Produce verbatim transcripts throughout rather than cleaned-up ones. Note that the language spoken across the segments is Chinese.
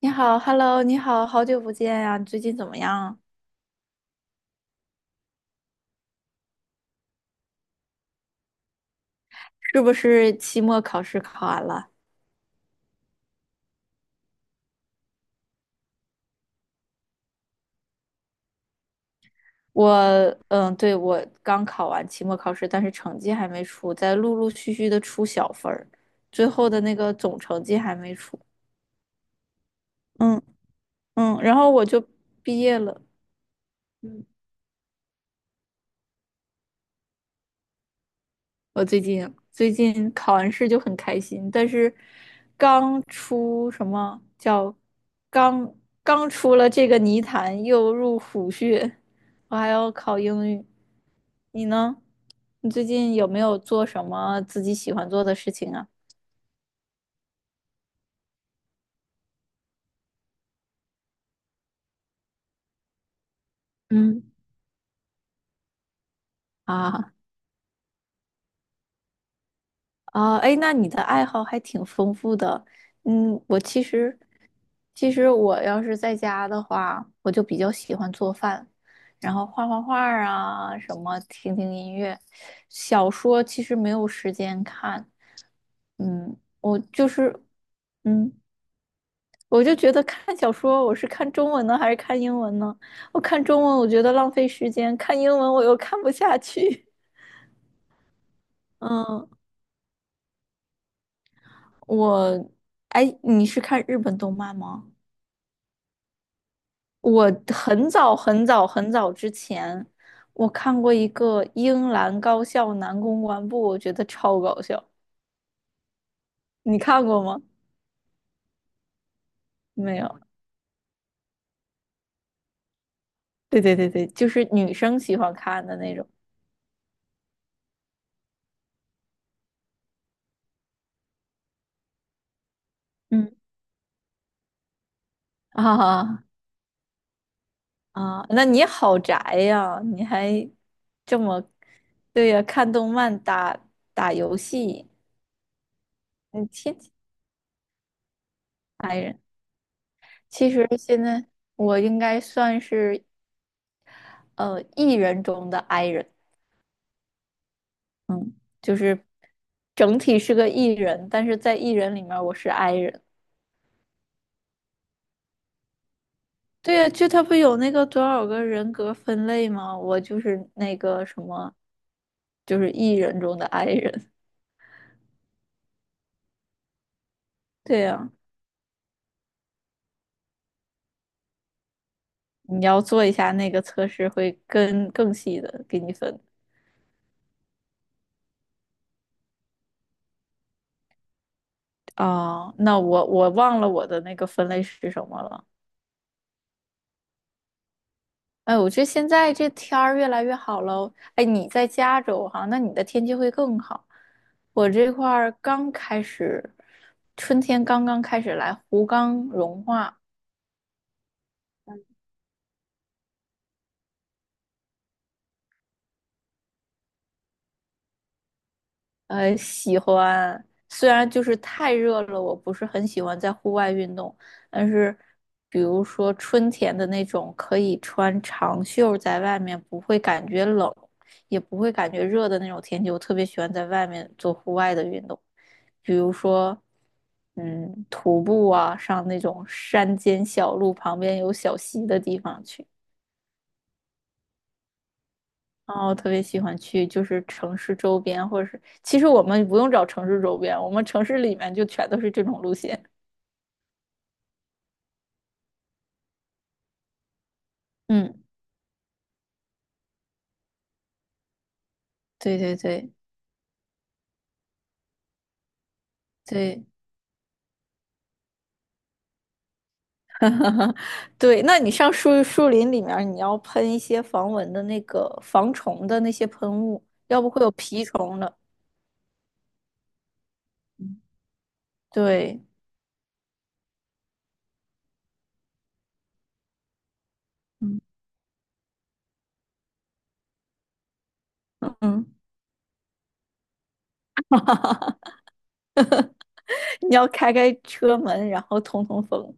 你好，Hello，你好，好久不见呀，你最近怎么样？是不是期末考试考完了？我，嗯，对，我刚考完期末考试，但是成绩还没出，在陆陆续续的出小分儿，最后的那个总成绩还没出。嗯嗯，然后我就毕业了。嗯我最近最近考完试就很开心，但是刚出什么叫刚刚出了这个泥潭，又入虎穴，我还要考英语。你呢？你最近有没有做什么自己喜欢做的事情啊？嗯，啊，啊，哎，那你的爱好还挺丰富的。嗯，我其实，其实我要是在家的话，我就比较喜欢做饭，然后画画画儿啊，什么听听音乐，小说其实没有时间看。嗯，我就是，嗯，我就觉得看小说，我是看中文呢，还是看英文呢？我看中文，我觉得浪费时间；看英文，我又看不下去。嗯，我，哎，你是看日本动漫吗？我很早很早很早之前，我看过一个英兰高校男公关部，我觉得超搞笑。你看过吗？没有。对对对对，就是女生喜欢看的那种。嗯，啊。 啊，那你好宅呀！你还这么，对呀，看动漫、打打游戏，你天天宅人。其实现在我应该算是呃 E 人中的 I 人。嗯，就是整体是个 E 人，但是在 E 人里面儿我是 I 人。对呀，就他不有那个多少个人格分类吗？我就是那个什么，就是 E 人中的 I 人。对呀，你要做一下那个测试，会更更细的给你分。哦，那我我忘了我的那个分类是什么了。哎，我觉得现在这天儿越来越好了。哎，你在加州哈，那你的天气会更好。我这块儿刚开始，春天刚刚开始来，湖刚融化，呃，喜欢，虽然就是太热了，我不是很喜欢在户外运动，但是比如说春天的那种，可以穿长袖在外面，不会感觉冷，也不会感觉热的那种天气，我特别喜欢在外面做户外的运动，比如说，嗯，徒步啊，上那种山间小路，旁边有小溪的地方去。哦，我特别喜欢去就是城市周边，或者是其实我们不用找城市周边，我们城市里面就全都是这种路线。嗯，对对对对，对。那你上树树林里面，你要喷一些防蚊的那个防虫的那些喷雾，要不会有蜱虫的。嗯对，嗯嗯，你要开开车门，然后通通风。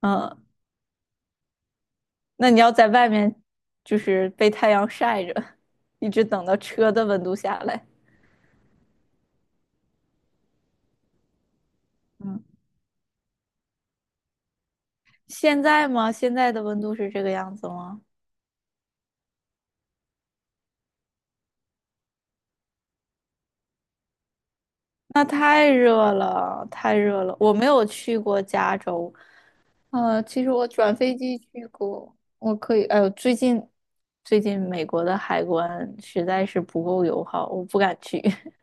嗯，那你要在外面就是被太阳晒着，一直等到车的温度下来。嗯。现在吗？现在的温度是这个样子吗？那太热了，太热了。我没有去过加州，呃，其实我转飞机去过，我可以，哎呦，最近最近美国的海关实在是不够友好，我不敢去。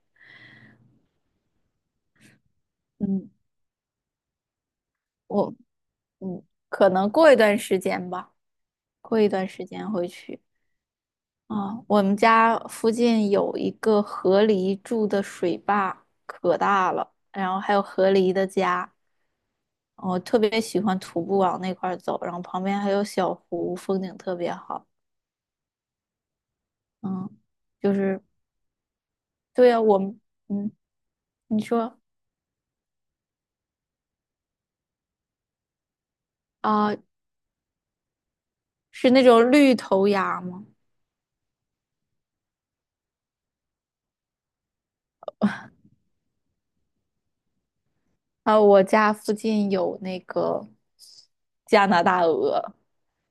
嗯，我嗯，可能过一段时间吧，过一段时间会去。啊、我们家附近有一个河狸住的水坝，可大了，然后还有河狸的家。我特别喜欢徒步往那块儿走，然后旁边还有小湖，风景特别好。嗯，就是对啊，我们嗯，你说啊，是那种绿头鸭吗？啊，我家附近有那个加拿大鹅，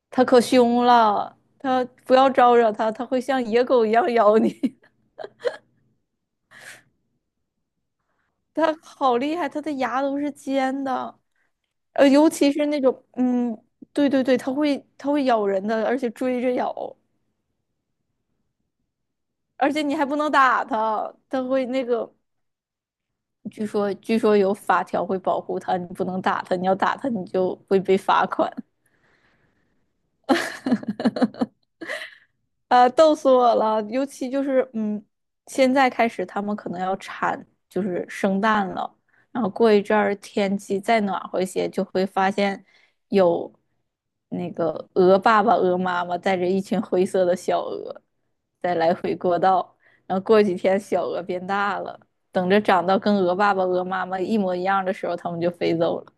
它可凶了，它不要招惹它，它会像野狗一样咬你。它好厉害，它的牙都是尖的，呃，尤其是那种嗯，对对对，它会它会咬人的，而且追着咬。而且你还不能打他，他会那个，据说据说有法条会保护他，你不能打他，你要打他你就会被罚款。呃，逗死我了！尤其就是，嗯，现在开始他们可能要产，就是生蛋了。然后过一阵儿天气再暖和一些，就会发现有那个鹅爸爸、鹅妈妈带着一群灰色的小鹅在来回过道。然后过几天小鹅变大了，等着长到跟鹅爸爸、鹅妈妈一模一样的时候，它们就飞走了。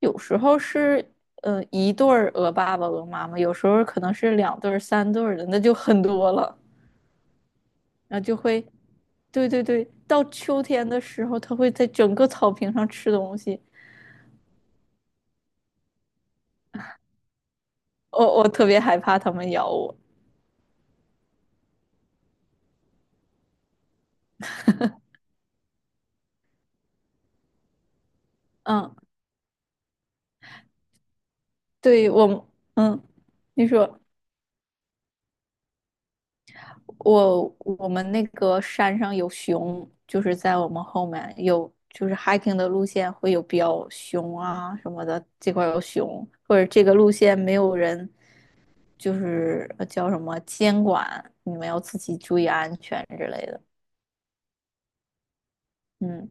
有时候是呃一对儿鹅爸爸、鹅妈妈，有时候可能是两对儿、三对儿的，那就很多了。然后就会，对对对，到秋天的时候，它会在整个草坪上吃东西。我我特别害怕它们咬我。嗯，对我，嗯，你说，我我们那个山上有熊，就是在我们后面有，就是 hiking 的路线会有标熊啊什么的，这块儿有熊，或者这个路线没有人，就是呃叫什么监管，你们要自己注意安全之类的。嗯，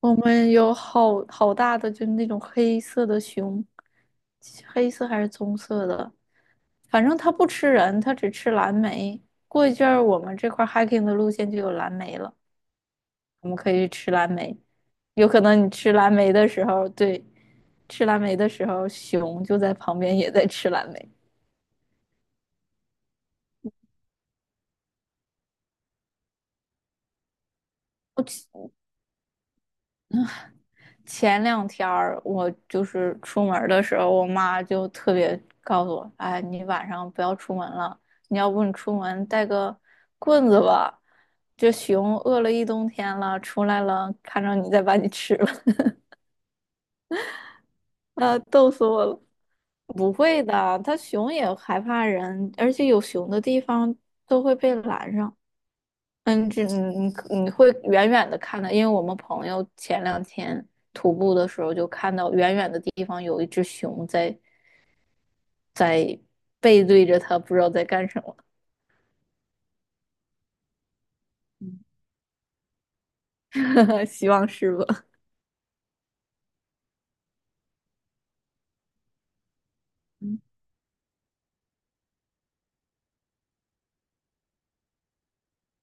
我们有好好大的，就是那种黑色的熊，黑色还是棕色的，反正它不吃人，它只吃蓝莓。过一阵儿，我们这块儿 hiking 的路线就有蓝莓了。我们可以去吃蓝莓。有可能你吃蓝莓的时候，对，吃蓝莓的时候，熊就在旁边也在吃蓝莓。我前前两天儿，我就是出门儿的时候，我妈就特别告诉我，哎，你晚上不要出门了，你要不你出门带个棍子吧，这熊饿了一冬天了，出来了，看着你再把你吃了。啊，逗死我了！不会的，它熊也害怕人，而且有熊的地方都会被拦上。嗯，这嗯你你会远远的看到，因为我们朋友前两天徒步的时候就看到远远的地方有一只熊在在背对着他，不知道在干什么。希望是吧？嗯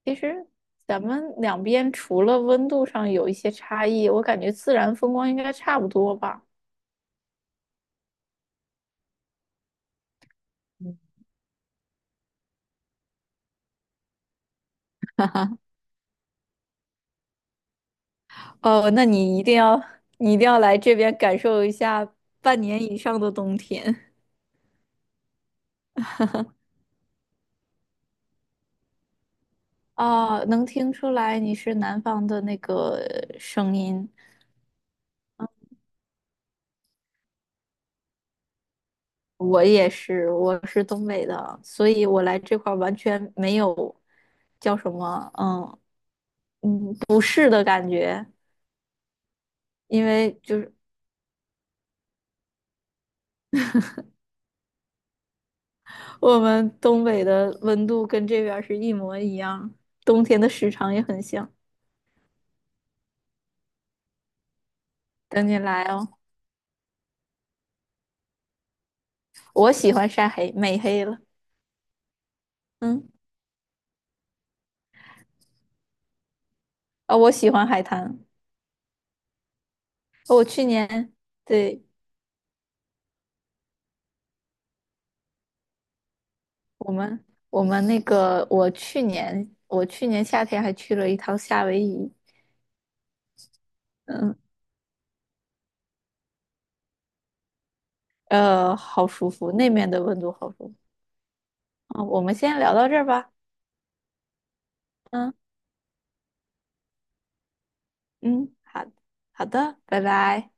其实咱们两边除了温度上有一些差异，我感觉自然风光应该差不多吧。哦，那你一定要，你一定要来这边感受一下半年以上的冬天。啊！能听出来你是南方的那个声音，我也是，我是东北的，所以我来这块儿完全没有叫什么，嗯嗯，不适的感觉，因为就是我们东北的温度跟这边儿是一模一样，冬天的时长也很像。等你来哦，我喜欢晒黑，美黑了，嗯。啊、我喜欢海滩。哦我去年，对，我们我们那个，我去年我去年夏天还去了一趟夏威夷，嗯，呃，好舒服，那面的温度好舒服。啊。我们先聊到这儿吧。嗯嗯，好好的，拜拜。